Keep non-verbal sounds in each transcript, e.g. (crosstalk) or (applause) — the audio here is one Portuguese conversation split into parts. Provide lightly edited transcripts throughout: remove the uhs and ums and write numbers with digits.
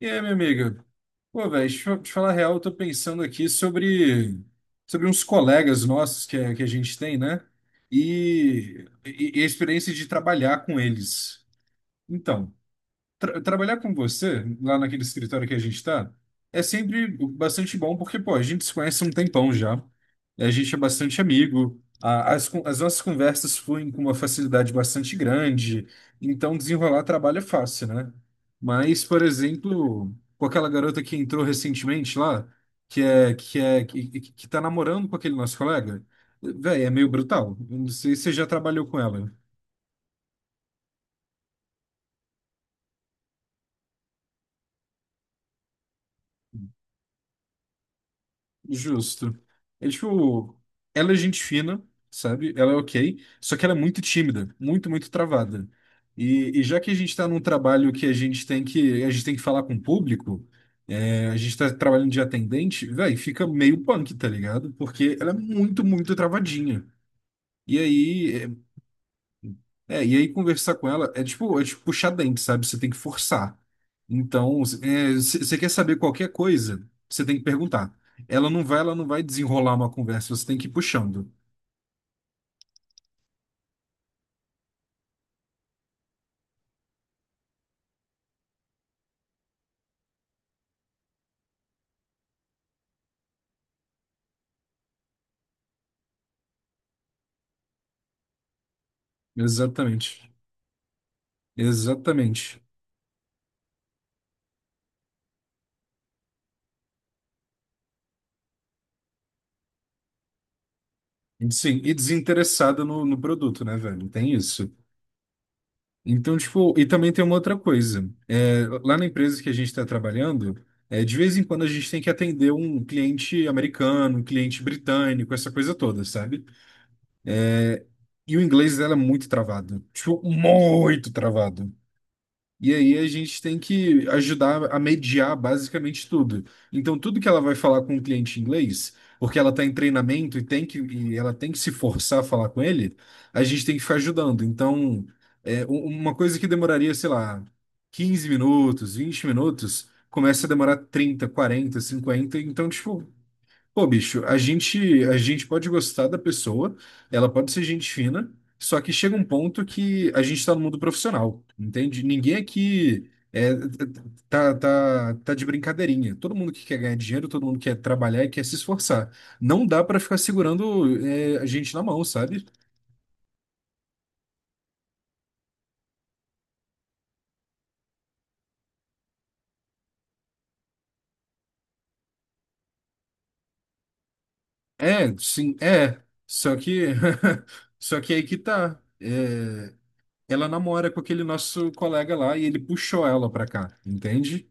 E aí, minha amiga? Pô, velho, deixa eu te falar a real, eu tô pensando aqui sobre uns colegas nossos que a gente tem, né? E a experiência de trabalhar com eles. Então, trabalhar com você, lá naquele escritório que a gente está, é sempre bastante bom, porque, pô, a gente se conhece há um tempão já, a gente é bastante amigo, as nossas conversas fluem com uma facilidade bastante grande, então desenrolar trabalho é fácil, né? Mas, por exemplo, com aquela garota que entrou recentemente lá, que é que é que tá namorando com aquele nosso colega, velho, é meio brutal. Não sei se você já trabalhou com ela. Justo. É tipo, ela é gente fina, sabe? Ela é ok, só que ela é muito tímida, muito, muito travada. E já que a gente tá num trabalho que a gente tem que falar com o público, a gente tá trabalhando de atendente, velho, fica meio punk, tá ligado? Porque ela é muito, muito travadinha. E aí, e aí conversar com ela é tipo puxar dente, sabe? Você tem que forçar. Então, você quer saber qualquer coisa, você tem que perguntar. Ela não vai desenrolar uma conversa, você tem que ir puxando. Exatamente. Exatamente. Sim, e desinteressada no produto, né, velho? Tem isso. Então, tipo, e também tem uma outra coisa. É, lá na empresa que a gente está trabalhando, é, de vez em quando a gente tem que atender um cliente americano, um cliente britânico, essa coisa toda, sabe? E o inglês dela é muito travado. Tipo, muito travado. E aí a gente tem que ajudar a mediar basicamente tudo. Então, tudo que ela vai falar com o cliente em inglês, porque ela está em treinamento e ela tem que se forçar a falar com ele, a gente tem que ficar ajudando. Então, uma coisa que demoraria, sei lá, 15 minutos, 20 minutos, começa a demorar 30 40 50. Então, tipo, pô, bicho, a gente pode gostar da pessoa, ela pode ser gente fina, só que chega um ponto que a gente está no mundo profissional, entende? Ninguém aqui tá de brincadeirinha. Todo mundo que quer ganhar dinheiro, todo mundo quer trabalhar e quer se esforçar. Não dá para ficar segurando a gente na mão, sabe? É, sim, é. Só que, (laughs) só que aí que tá. É, ela namora com aquele nosso colega lá e ele puxou ela pra cá, entende?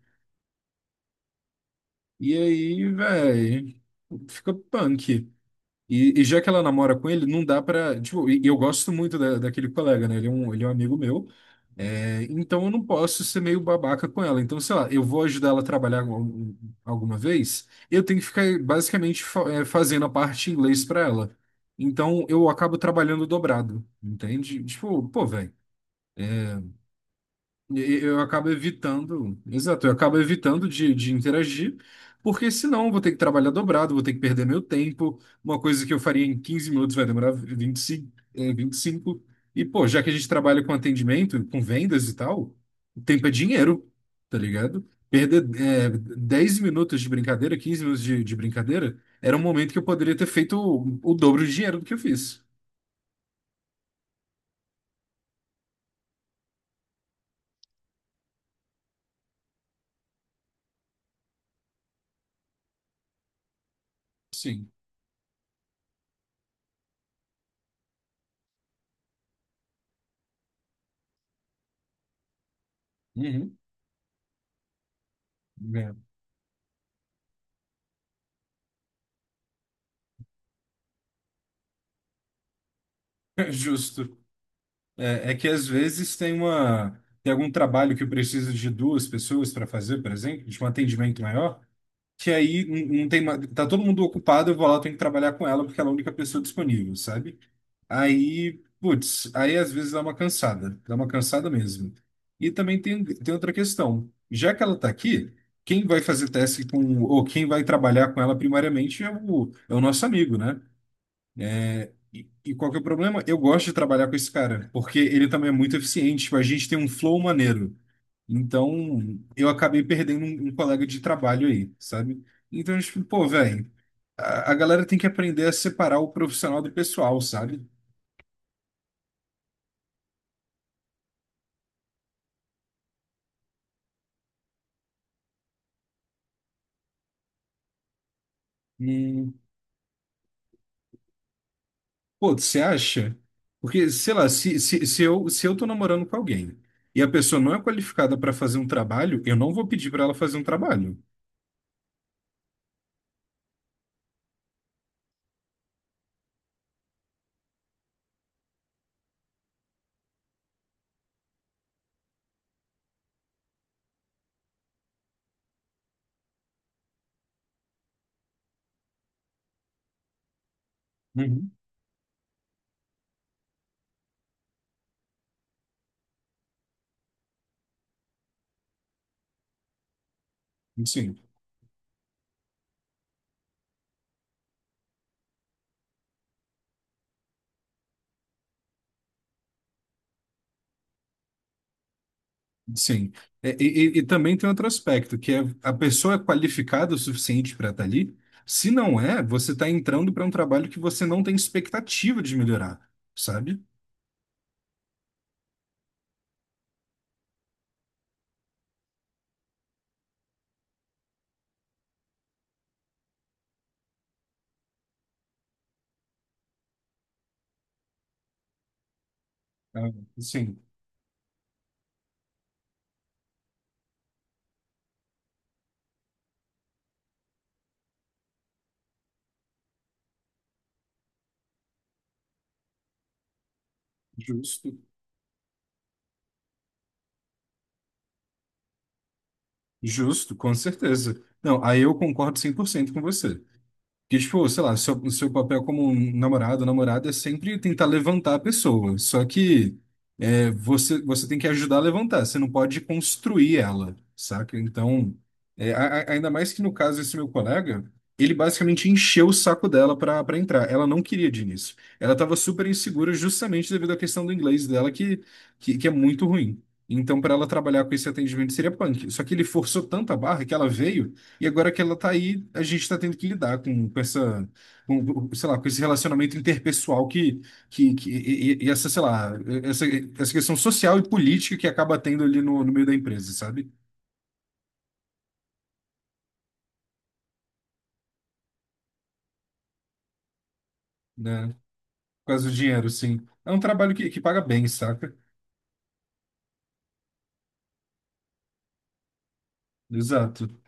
E aí, velho, fica punk. E já que ela namora com ele, não dá pra. Tipo, e eu gosto muito daquele colega, né? Ele é um amigo meu. É, então eu não posso ser meio babaca com ela. Então, sei lá, eu vou ajudar ela a trabalhar alguma vez, eu tenho que ficar basicamente fazendo a parte em inglês pra ela. Então eu acabo trabalhando dobrado, entende? Tipo, pô, velho. Exato, eu acabo evitando de interagir, porque senão eu vou ter que trabalhar dobrado, vou ter que perder meu tempo. Uma coisa que eu faria em 15 minutos vai demorar 25, vinte e cinco. E pô, já que a gente trabalha com atendimento, com vendas e tal, o tempo é dinheiro, tá ligado? Perder, 10 minutos de brincadeira, 15 minutos de brincadeira, era um momento que eu poderia ter feito o dobro de dinheiro do que eu fiz. Sim. Uhum. É. (laughs) Justo. É, é que às vezes tem algum trabalho que precisa de duas pessoas para fazer, por exemplo, de um atendimento maior, que aí não, não tem ma- tá todo mundo ocupado, eu vou lá, eu tenho que trabalhar com ela porque ela é a única pessoa disponível, sabe? Aí, putz, aí às vezes dá uma cansada mesmo. E também tem outra questão. Já que ela tá aqui, quem vai fazer teste com ou quem vai trabalhar com ela primariamente é o nosso amigo, né? E qual que é o problema? Eu gosto de trabalhar com esse cara, porque ele também é muito eficiente, tipo, a gente tem um flow maneiro. Então, eu acabei perdendo um colega de trabalho aí, sabe? Então, tipo, pô, velho, a galera tem que aprender a separar o profissional do pessoal, sabe? Hum, pô, você acha? Porque, sei lá, se eu tô namorando com alguém e a pessoa não é qualificada para fazer um trabalho, eu não vou pedir para ela fazer um trabalho. Uhum. Sim. Sim. E também tem outro aspecto, que é a pessoa é qualificada o suficiente para estar ali. Se não é, você está entrando para um trabalho que você não tem expectativa de melhorar, sabe? Ah, sim, justo. Justo, com certeza. Não, aí eu concordo 100% com você. Que, tipo, sei lá, seu papel como um namorado, namorada é sempre tentar levantar a pessoa. Só que é, você tem que ajudar a levantar, você não pode construir ela, saca? Então, é, ainda mais que no caso desse meu colega, ele basicamente encheu o saco dela para entrar. Ela não queria de início. Ela estava super insegura justamente devido à questão do inglês dela, que é muito ruim. Então, para ela trabalhar com esse atendimento seria punk. Só que ele forçou tanta barra que ela veio. E agora que ela tá aí, a gente tá tendo que lidar com sei lá, com esse relacionamento interpessoal que essa, sei lá, essa questão social e política que acaba tendo ali no meio da empresa, sabe? Né? Por causa do dinheiro, sim. É um trabalho que paga bem, saca? Exato.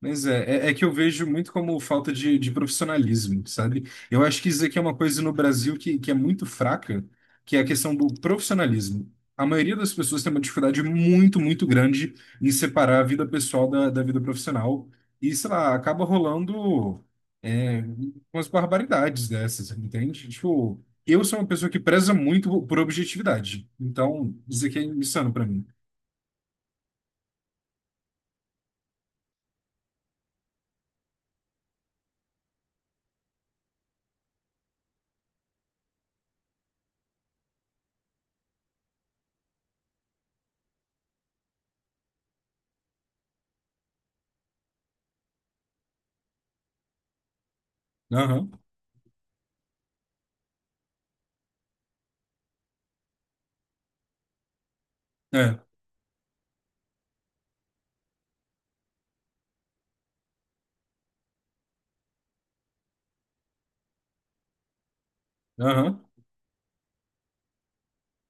Mas é que eu vejo muito como falta de profissionalismo, sabe? Eu acho que isso aqui é uma coisa no Brasil que é muito fraca, que é a questão do profissionalismo. A maioria das pessoas tem uma dificuldade muito, muito grande em separar a vida pessoal da vida profissional. E, sei lá, acaba rolando é, umas barbaridades dessas, entende? Tipo, eu sou uma pessoa que preza muito por objetividade. Então, isso aqui é insano pra mim. Aham, é, aham,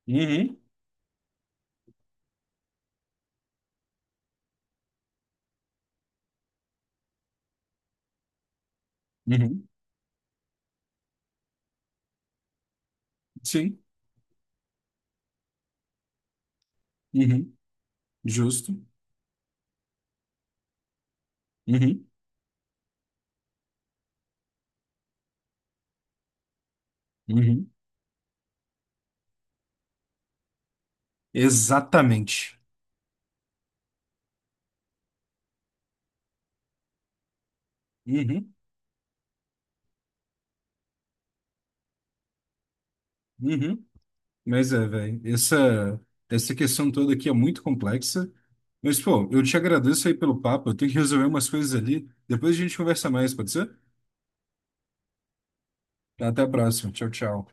uhum, uhum, sim. Uhum. Justo. Uhum. Uhum. Exatamente. Uhum. Uhum. Mas é, velho, essa questão toda aqui é muito complexa. Mas, pô, eu te agradeço aí pelo papo. Eu tenho que resolver umas coisas ali. Depois a gente conversa mais, pode ser? Então, até a próxima. Tchau, tchau.